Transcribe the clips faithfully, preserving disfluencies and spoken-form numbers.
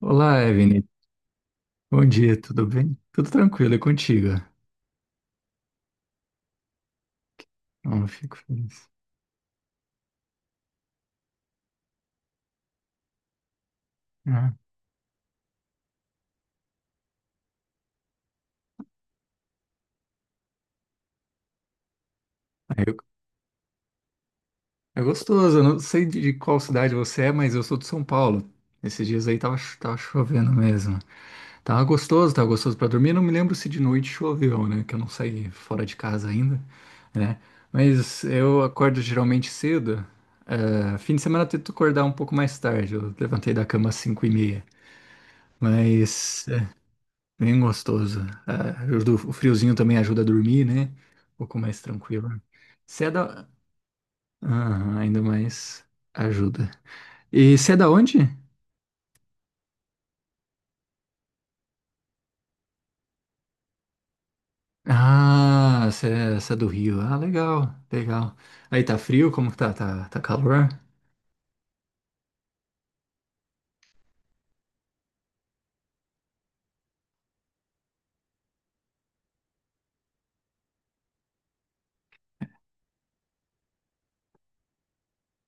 Olá, Evelyn. Bom dia, tudo bem? Tudo tranquilo, é contigo. Não, eu fico feliz. Ah, é, é gostoso, eu não sei de de qual cidade você é, mas eu sou de São Paulo. Esses dias aí tava, cho- tava chovendo mesmo. Tava gostoso, tava gostoso pra dormir. Não me lembro se de noite choveu, né? Que eu não saí fora de casa ainda, né? Mas eu acordo geralmente cedo. É, fim de semana eu tento acordar um pouco mais tarde. Eu levantei da cama às cinco e meia, mas bem gostoso. Ah, o do- o friozinho também ajuda a dormir, né? Um pouco mais tranquilo. Você é da. Aham, ainda mais ajuda. E você é da onde? Ah, você é, você é do Rio. Ah, legal, legal. Aí tá frio? Como que tá? Tá, tá calor?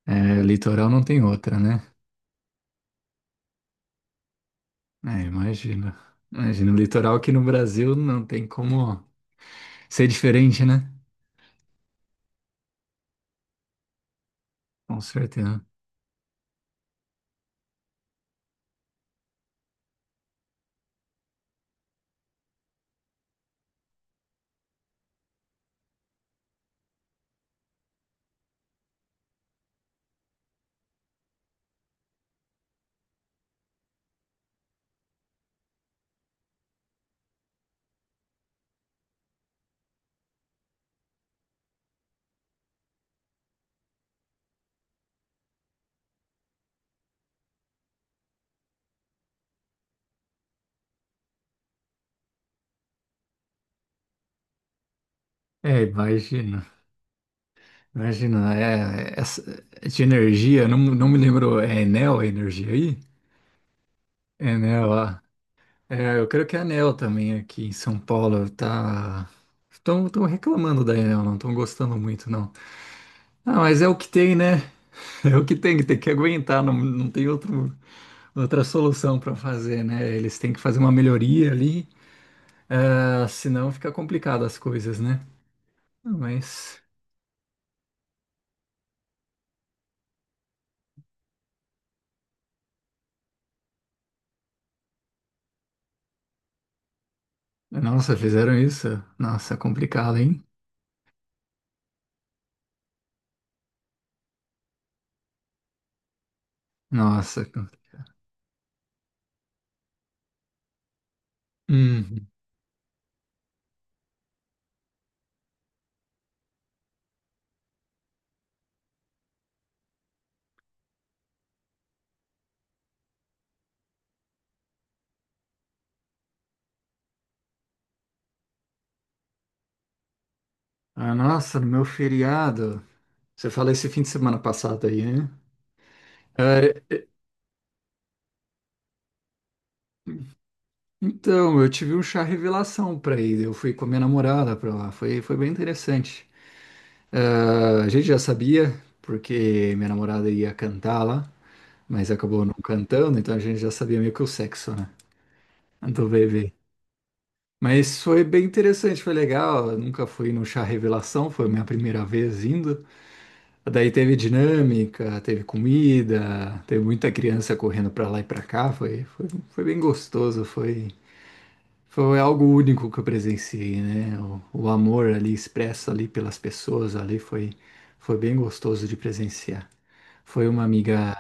É, litoral não tem outra, né? É, imagina. Imagina, o litoral aqui no Brasil não tem como ser diferente, né? Com certeza. É, imagina. Imagina, é, é, essa- é de energia, não, não me lembro, é Enel a energia aí? Enel, ah. É, eu creio que a Enel também aqui em São Paulo tá... Estão estão reclamando da Enel, não estão gostando muito, não. Ah, mas é o que tem, né? É o que tem, tem que aguentar, não, não tem outro, outra solução para fazer, né? Eles têm que fazer uma melhoria ali, ah, senão fica complicado as coisas, né? Mas, nossa, fizeram isso? Nossa, complicado, hein? Nossa. Hum. Ah, nossa, meu feriado. Você fala esse fim de semana passado aí, né? É, então, eu tive um chá revelação pra ir. Eu fui com a minha namorada pra lá. Foi, foi bem interessante. Ah, a gente já sabia, porque minha namorada ia cantar lá, mas acabou não cantando, então a gente já sabia meio que o sexo, né? Do bebê. Mas foi bem interessante, foi legal. Eu nunca fui no chá revelação, foi a minha primeira vez indo. Daí teve dinâmica, teve comida, teve muita criança correndo pra lá e pra cá. Foi, foi, foi bem gostoso, foi, foi algo único que eu presenciei, né? O, o amor ali expresso ali pelas pessoas ali foi, foi bem gostoso de presenciar. Foi uma amiga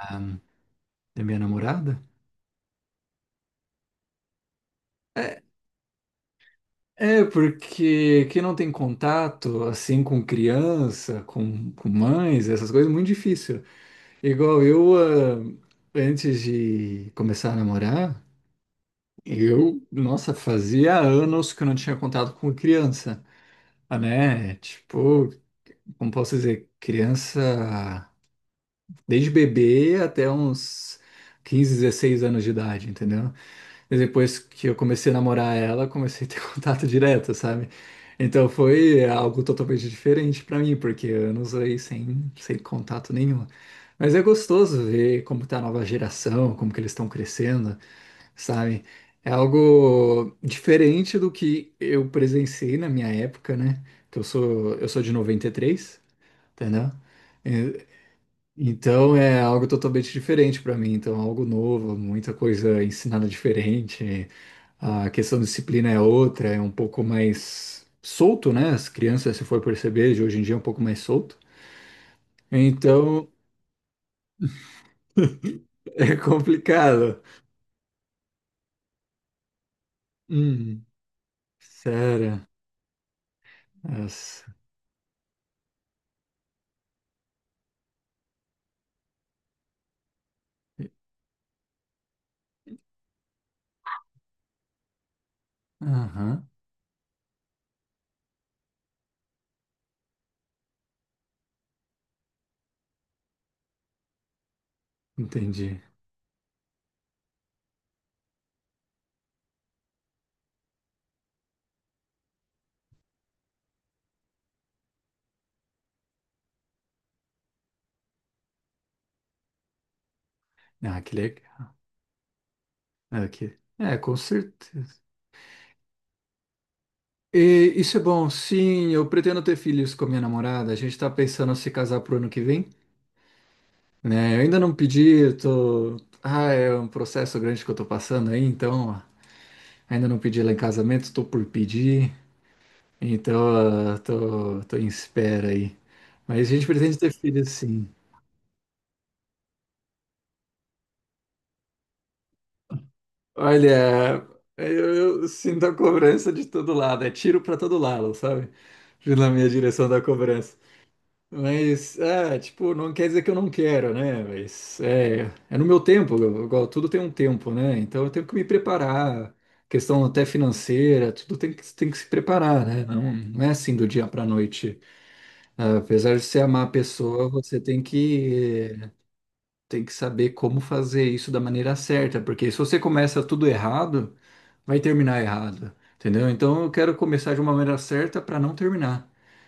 da minha namorada. É, é, porque quem não tem contato, assim, com criança, com, com mães, essas coisas, é muito difícil. Igual eu, ah, antes de começar a namorar, eu, nossa, fazia anos que eu não tinha contato com criança, ah, né? Tipo, como posso dizer, criança desde bebê até uns quinze, dezesseis anos de idade, entendeu? E depois que eu comecei a namorar ela, comecei a ter contato direto, sabe? Então foi algo totalmente diferente pra mim, porque anos aí sem, sem contato nenhum. Mas é gostoso ver como tá a nova geração, como que eles estão crescendo, sabe? É algo diferente do que eu presenciei na minha época, né? Que eu sou, eu sou de noventa e três, entendeu? E- Então é algo totalmente diferente para mim, então algo novo, muita coisa ensinada diferente. A questão de disciplina é outra, é um pouco mais solto, né? As crianças, se for perceber, de hoje em dia é um pouco mais solto. Então é complicado. Hum, sério. Nossa. Aham, entendi. Ah, que legal. Ah, que... É, com certeza. E isso é bom. Sim, eu pretendo ter filhos com a minha namorada. A gente tá pensando em se casar pro ano que vem, né? Eu ainda não pedi, eu tô... Ah, é um processo grande que eu tô passando aí, então ó, ainda não pedi ela em casamento, tô por pedir. Então, ó, tô, tô em espera aí. Mas a gente pretende ter filhos, sim. Olha, eu, eu sinto a cobrança de todo lado. É tiro pra todo lado, sabe? Na minha direção da cobrança. Mas, ah, tipo, não quer dizer que eu não quero, né? Mas é, é no meu tempo, igual tudo tem um tempo, né? Então eu tenho que me preparar, questão até financeira, tudo tem que, tem que se preparar, né? Não, não é assim do dia para noite. Ah, apesar de você amar a pessoa, você tem que, tem que saber como fazer isso da maneira certa, porque se você começa tudo errado vai terminar errado, entendeu? Então eu quero começar de uma maneira certa para não terminar,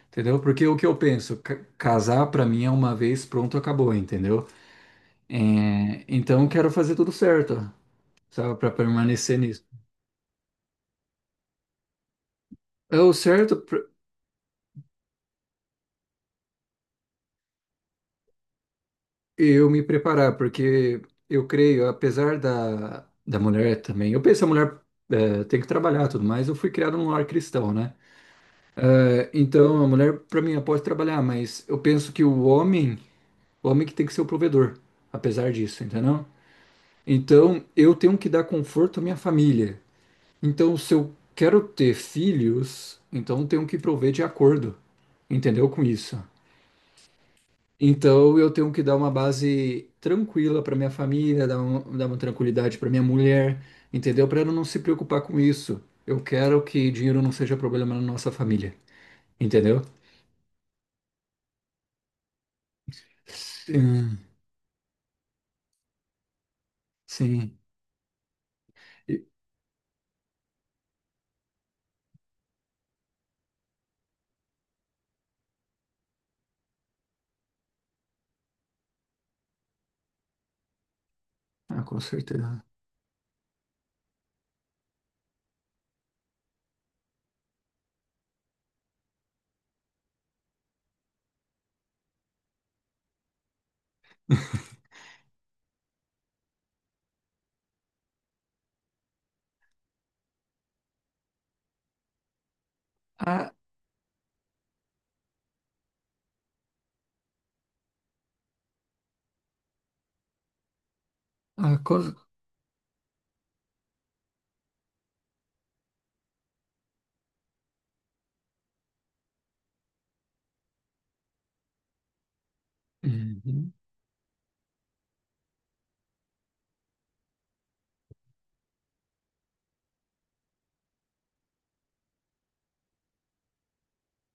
entendeu? Porque o que eu penso, ca- casar para mim é uma vez, pronto, acabou, entendeu? É, então eu quero fazer tudo certo, sabe, para permanecer nisso. É o certo pra eu me preparar, porque eu creio, apesar da, da mulher também, eu penso a mulher é, tem que trabalhar e tudo mais, eu fui criado num lar cristão, né? É, então a mulher para mim ela pode trabalhar, mas eu penso que o homem O homem que tem que ser o provedor, apesar disso, entendeu? Então, eu tenho que dar conforto à minha família. Então, se eu quero ter filhos, então eu tenho que prover de acordo, entendeu? Com isso. Então, eu tenho que dar uma base tranquila para minha família, dar, um- dar uma tranquilidade para minha mulher, entendeu? Para ela não se preocupar com isso. Eu quero que dinheiro não seja problema na nossa família, entendeu? Sim, sim. E- Ah, com certeza. Ah, ah, co- Uhum.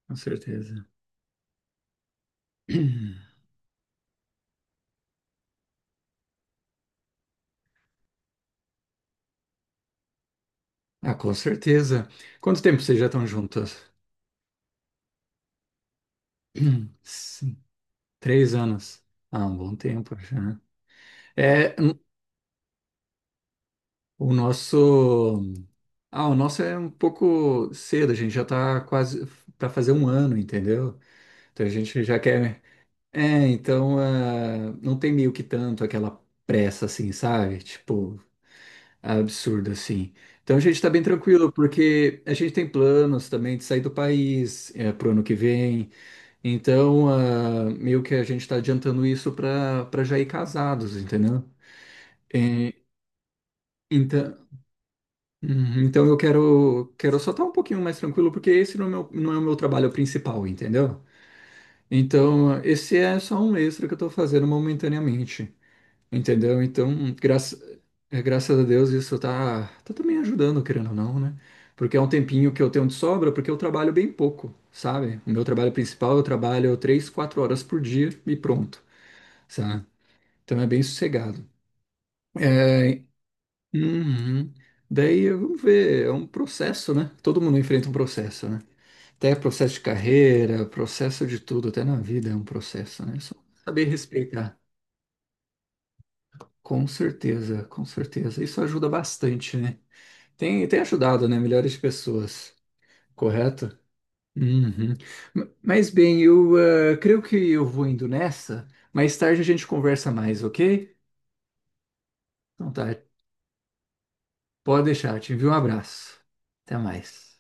Com certeza. Ah, com certeza. Quanto tempo vocês já estão juntas? Sim, três anos. Ah, um bom tempo já, né? É, n- o nosso. Ah, o nosso é um pouco cedo, a gente já tá quase para fazer um ano, entendeu? Então a gente já quer. É, então ah, não tem meio que tanto aquela pressa assim, sabe? Tipo, absurdo assim. Então a gente tá bem tranquilo, porque a gente tem planos também de sair do país é, pro ano que vem. Então, ah, meio que a gente está adiantando isso para para já ir casados, entendeu? É, então, uhum, então eu quero quero só estar um pouquinho mais tranquilo, porque esse não é o meu, não é o meu trabalho principal, entendeu? Então, esse é só um extra que eu estou fazendo momentaneamente, entendeu? Então, graça, é, graças a Deus isso tá, tá também ajudando, querendo ou não, né? Porque é um tempinho que eu tenho de sobra, porque eu trabalho bem pouco, sabe? O meu trabalho principal, eu trabalho três, quatro horas por dia e pronto. Sabe? Então é bem sossegado. É, uhum. Daí vamos ver, é um processo, né? Todo mundo enfrenta um processo, né? Até processo de carreira, processo de tudo, até na vida é um processo, né? Só saber respeitar. Com certeza, com certeza. Isso ajuda bastante, né? Tem, tem ajudado, né? Milhares de pessoas, correto? Uhum. M- Mas bem, eu ah, creio que eu vou indo nessa. Mais tarde a gente conversa mais, ok? Então tá, pode deixar, eu te envio um abraço. Até mais.